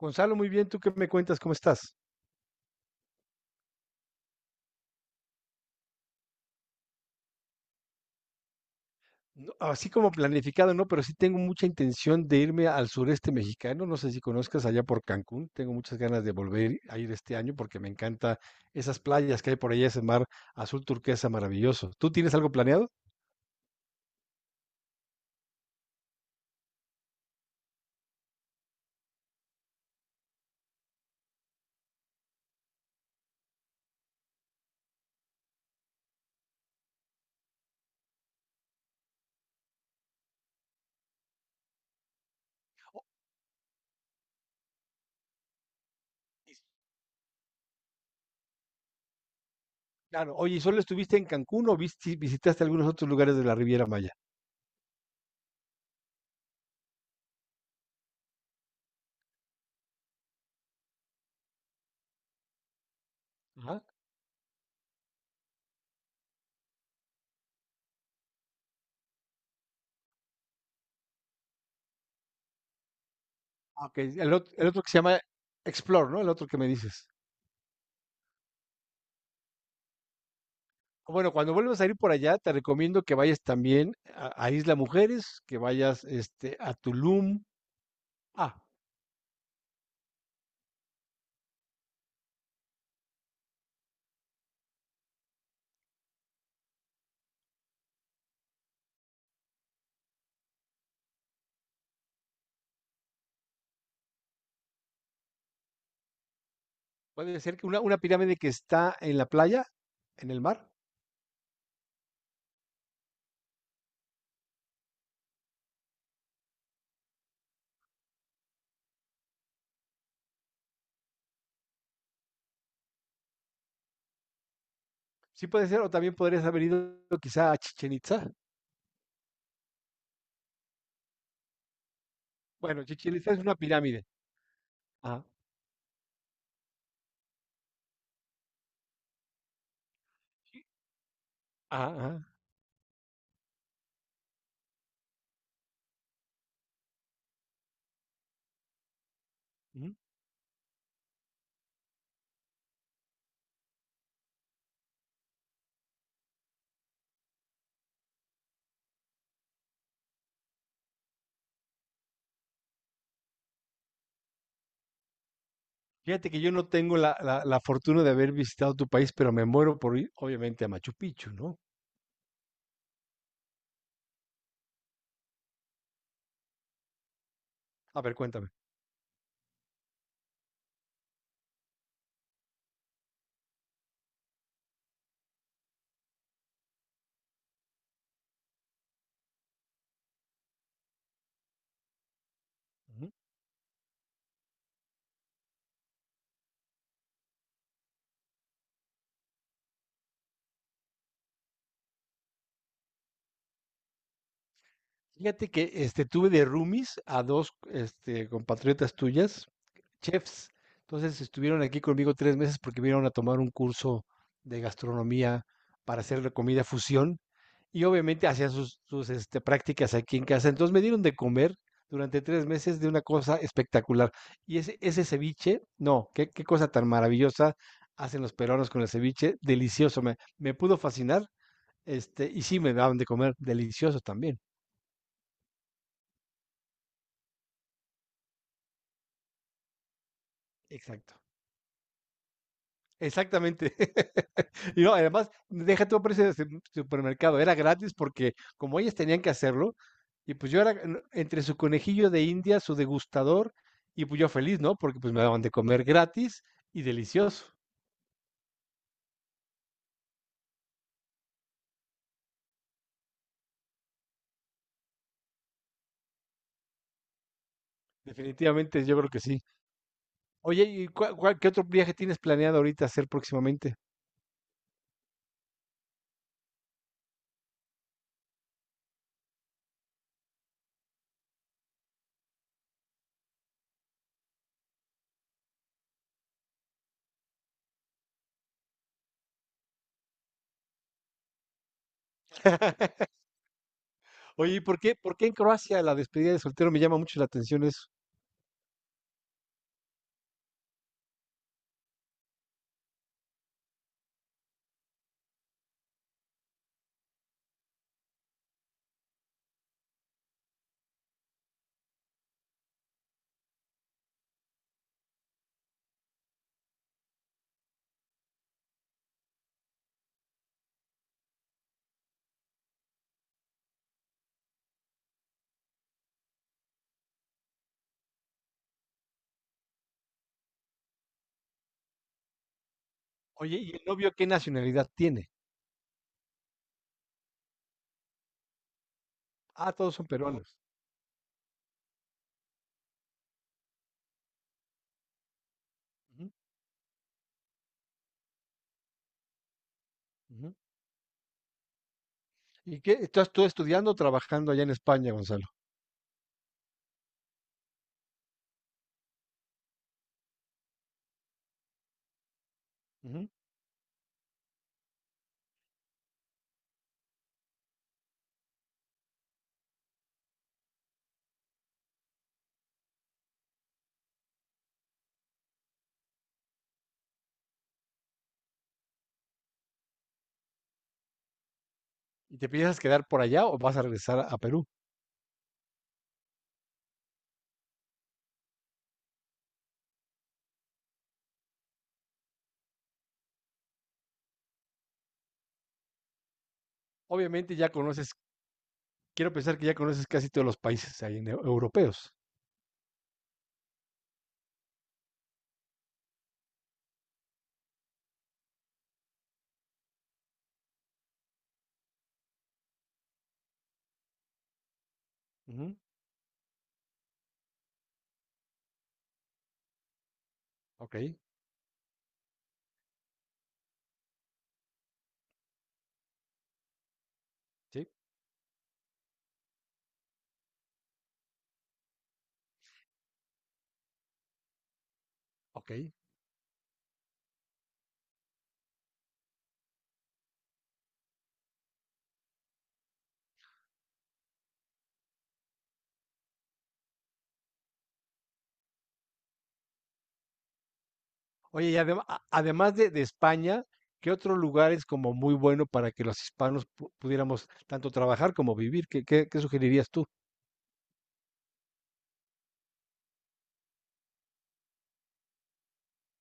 Gonzalo, muy bien, ¿tú qué me cuentas? ¿Cómo estás? No, así como planificado, no, pero sí tengo mucha intención de irme al sureste mexicano. No sé si conozcas allá por Cancún. Tengo muchas ganas de volver a ir este año porque me encanta esas playas que hay por allá, ese mar azul turquesa maravilloso. ¿Tú tienes algo planeado? Claro, oye, ¿y solo estuviste en Cancún o visitaste algunos otros lugares de la Riviera Maya? Ajá. Ah, Ok, el otro que se llama Explore, ¿no? El otro que me dices. Bueno, cuando vuelvas a ir por allá, te recomiendo que vayas también a Isla Mujeres, que vayas este, a Tulum. Ah, puede ser que una pirámide que está en la playa, en el mar. Sí puede ser, o también podrías haber ido quizá a Chichen Itza. Bueno, Chichen Itza es una pirámide. Ajá. Sí. Ajá, ajá, ujú. Fíjate que yo no tengo la fortuna de haber visitado tu país, pero me muero por ir, obviamente, a Machu Picchu, ¿no? A ver, cuéntame. Ujú. Fíjate que, este, tuve de roomies a dos, este, compatriotas tuyas chefs. Entonces estuvieron aquí conmigo 3 meses porque vinieron a tomar un curso de gastronomía para hacer la comida fusión y obviamente hacían este, prácticas aquí en casa. Entonces me dieron de comer durante 3 meses de una cosa espectacular. Y ese ceviche, no, qué cosa tan maravillosa hacen los peruanos con el ceviche, delicioso, me pudo fascinar, este, y sí me daban de comer, delicioso también. Exacto. Exactamente. Y no, además, deja tu precio de supermercado, era gratis porque como ellas tenían que hacerlo, y pues yo era entre su conejillo de India, su degustador, y pues yo feliz, ¿no? Porque pues me daban de comer gratis y delicioso. Definitivamente yo creo que sí. Oye, ¿y qué otro viaje tienes planeado ahorita hacer próximamente? Oye, ¿y por qué en Croacia la despedida de soltero me llama mucho la atención eso? Oye, ¿y el novio qué nacionalidad tiene? Ah, todos son peruanos. Ujú, ujú. ¿Y qué? ¿Estás tú estudiando o trabajando allá en España, Gonzalo? Ujú. ¿Y te piensas quedar por allá o vas a regresar a Perú? Obviamente ya conoces, quiero pensar que ya conoces casi todos los países ahí en europeos. Ujú, Ok, sí, ok. Oye, y además de España, ¿qué otro lugar es como muy bueno para que los hispanos pudiéramos tanto trabajar como vivir? ¿Qué, qué sugerirías tú?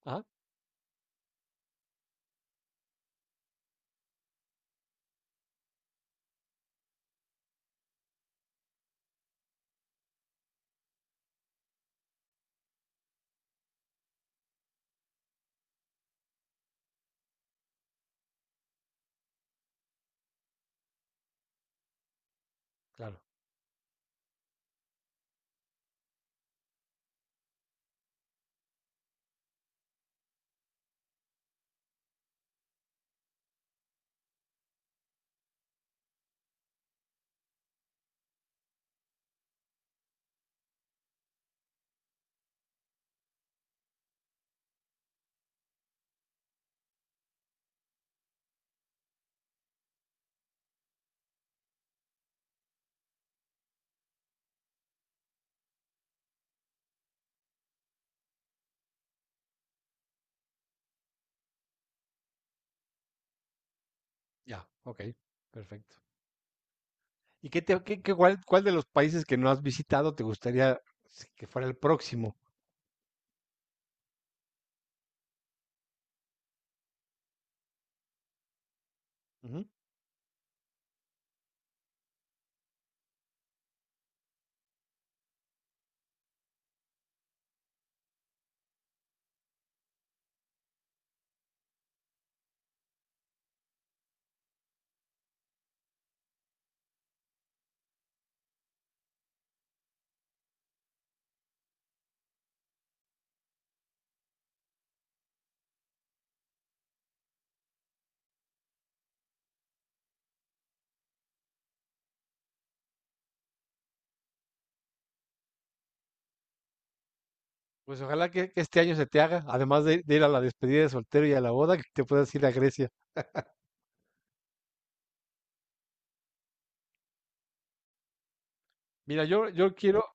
Ah, claro, ya, ok, perfecto. ¿Y qué te, qué- qué- cuál, cuál de los países que no has visitado te gustaría que fuera el próximo? Ujú. Pues ojalá que este año se te haga, además de ir a la despedida de soltero y a la boda, que te puedas ir a Grecia. Mira, yo quiero,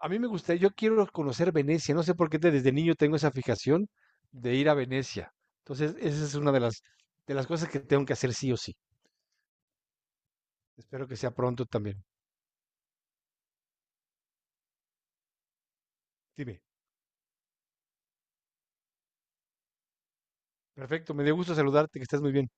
a mí me gustaría, yo quiero conocer Venecia, no sé por qué desde niño tengo esa fijación de ir a Venecia. Entonces, esa es una de de las cosas que tengo que hacer sí o sí. Espero que sea pronto también. Dime. Perfecto, me dio gusto saludarte, que estés muy bien.